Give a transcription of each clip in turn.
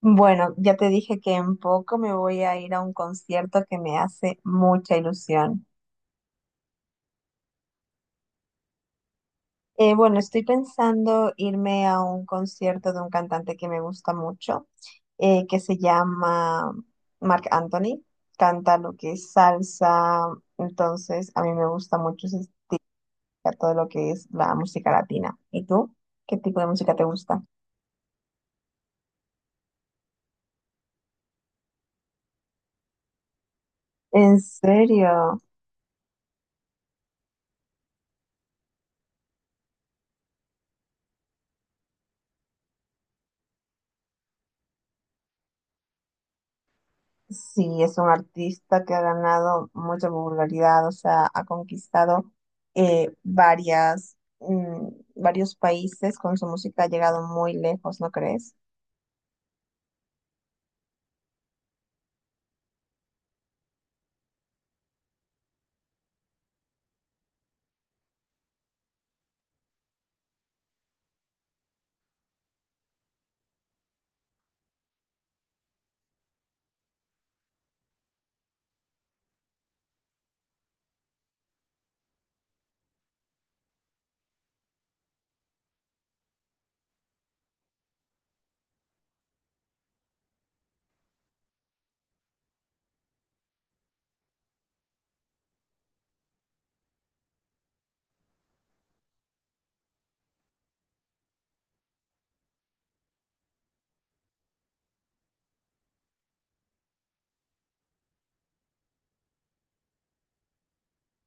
Bueno, ya te dije que en poco me voy a ir a un concierto que me hace mucha ilusión. Bueno, estoy pensando irme a un concierto de un cantante que me gusta mucho, que se llama Marc Anthony. Canta lo que es salsa, entonces a mí me gusta mucho todo lo que es la música latina. ¿Y tú? ¿Qué tipo de música te gusta? ¿En serio? Sí, es un artista que ha ganado mucha popularidad, o sea, ha conquistado eh, varias, mm, varios países con su música, ha llegado muy lejos, ¿no crees?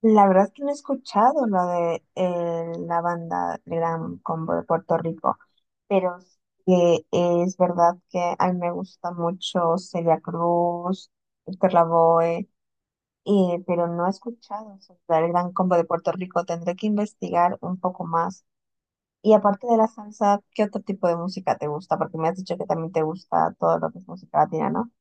La verdad es que no he escuchado la de la banda Gran Combo de Puerto Rico, pero sí que es verdad que a mí me gusta mucho Celia Cruz, Héctor Lavoe, pero no he escuchado sobre el Gran Combo de Puerto Rico. Tendré que investigar un poco más. Y aparte de la salsa, ¿qué otro tipo de música te gusta? Porque me has dicho que también te gusta todo lo que es música latina, ¿no?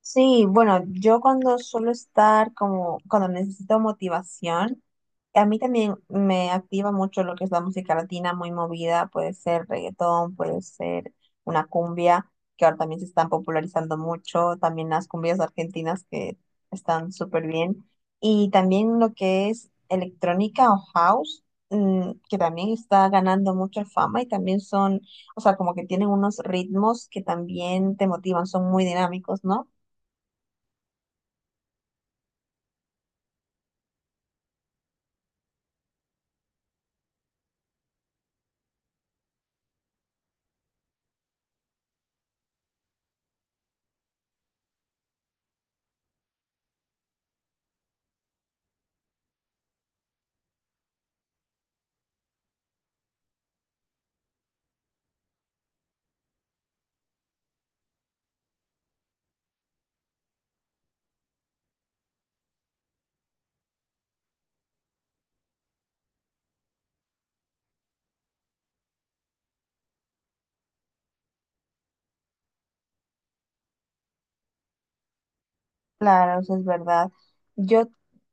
Sí, bueno, yo cuando suelo estar como, cuando necesito motivación, a mí también me activa mucho lo que es la música latina muy movida, puede ser reggaetón, puede ser una cumbia, que ahora también se están popularizando mucho, también las cumbias argentinas que están súper bien, y también lo que es electrónica o house, que también está ganando mucha fama y también son, o sea, como que tienen unos ritmos que también te motivan, son muy dinámicos, ¿no? Claro, eso es verdad. Yo,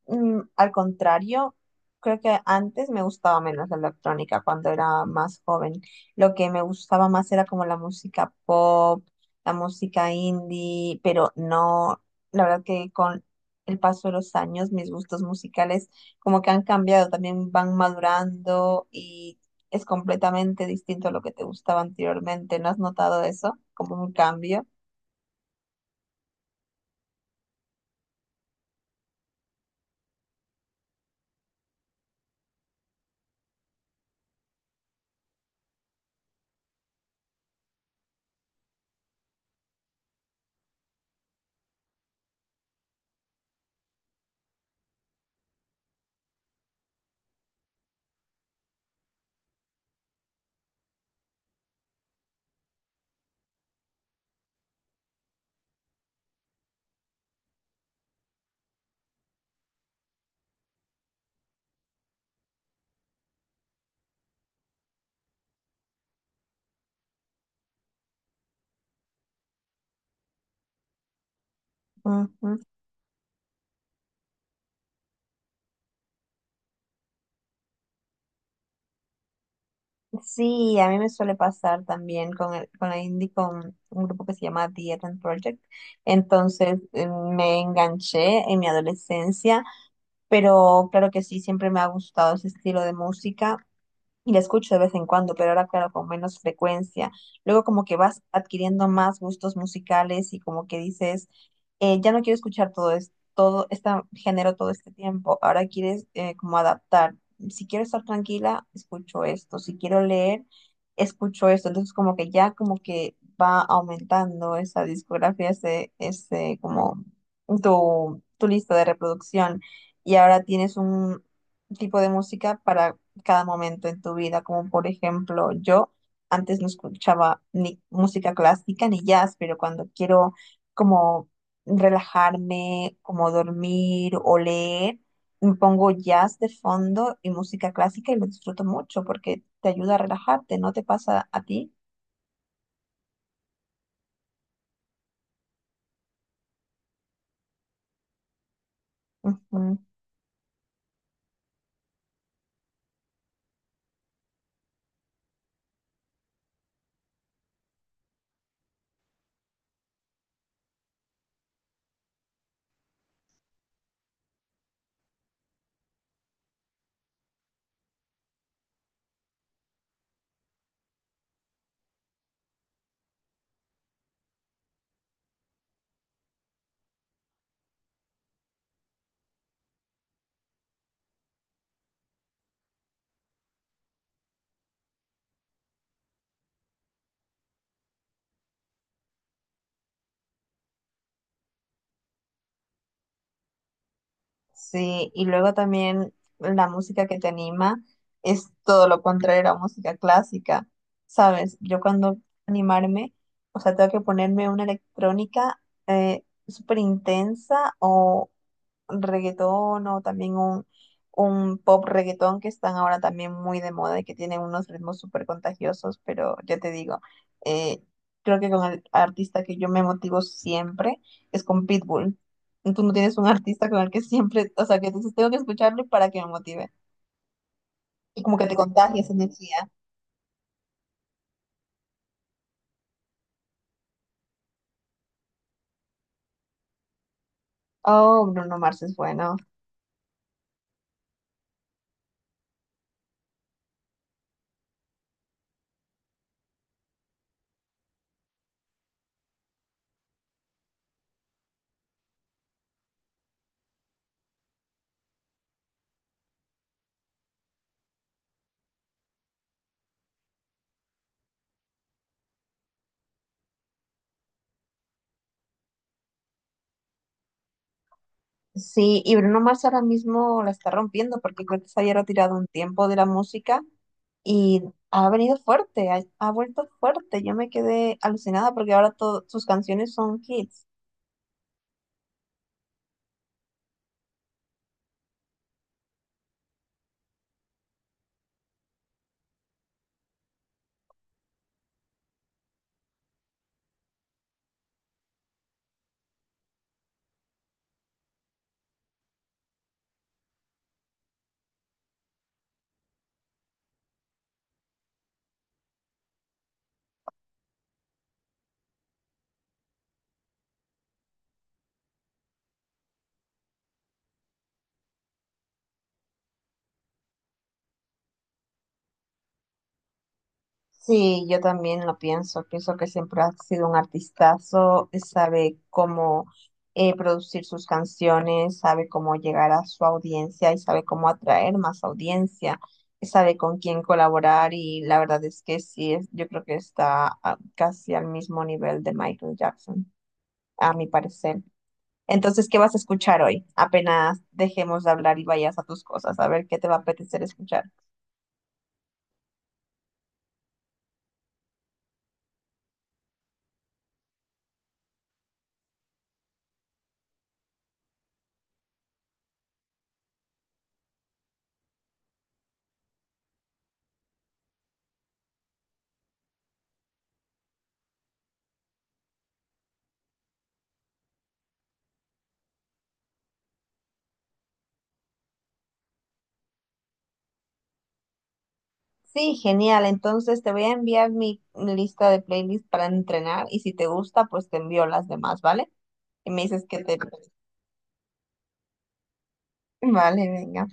al contrario, creo que antes me gustaba menos la electrónica cuando era más joven. Lo que me gustaba más era como la música pop, la música indie, pero no, la verdad que con el paso de los años mis gustos musicales como que han cambiado, también van madurando y es completamente distinto a lo que te gustaba anteriormente. ¿No has notado eso? Como un cambio. Ujú. Sí, a mí me suele pasar también con la indie, con un grupo que se llama The Eden Project. Entonces me enganché en mi adolescencia, pero claro que sí, siempre me ha gustado ese estilo de música. Y la escucho de vez en cuando, pero ahora, claro, con menos frecuencia. Luego como que vas adquiriendo más gustos musicales y como que dices, ya no quiero escuchar todo esto, todo este género todo este tiempo. Ahora quieres como adaptar. Si quiero estar tranquila, escucho esto. Si quiero leer, escucho esto. Entonces como que ya como que va aumentando esa discografía, ese como tu lista de reproducción. Y ahora tienes un tipo de música para cada momento en tu vida, como por ejemplo yo antes no escuchaba ni música clásica ni jazz, pero cuando quiero como relajarme, como dormir o leer, me pongo jazz de fondo y música clásica y lo disfruto mucho porque te ayuda a relajarte, ¿no te pasa a ti? Ujú. Sí, y luego también la música que te anima es todo lo contrario a la música clásica, ¿sabes? Yo cuando animarme, o sea, tengo que ponerme una electrónica eh, súper intensa reggaetón o también un pop reggaetón que están ahora también muy de moda y que tienen unos ritmos súper contagiosos, pero ya te digo, eh, creo que con el artista que yo me motivo siempre es con Pitbull. Tú no tienes un artista con el que siempre, o sea, que dices, tengo que escucharlo para que me motive. Y como que te contagias energía. Oh, Bruno Mars es bueno. Sí, y Bruno Mars ahora mismo la está rompiendo porque creo que se había retirado un tiempo de la música y ha venido fuerte, ha vuelto fuerte. Yo me quedé alucinada porque ahora todas sus canciones son hits. Sí, yo también lo pienso. Pienso que siempre ha sido un artistazo, sabe cómo producir sus canciones, sabe cómo llegar a su audiencia y sabe cómo atraer más audiencia, sabe con quién colaborar y la verdad es que sí, es, yo creo que está casi al mismo nivel de Michael Jackson, a mi parecer. Entonces, ¿qué vas a escuchar hoy? Apenas dejemos de hablar y vayas a tus cosas, a ver qué te va a apetecer escuchar. Sí, genial. Entonces te voy a enviar mi lista de playlists para entrenar y si te gusta, pues te envío las demás, ¿vale? Y me dices que te... Vale, venga.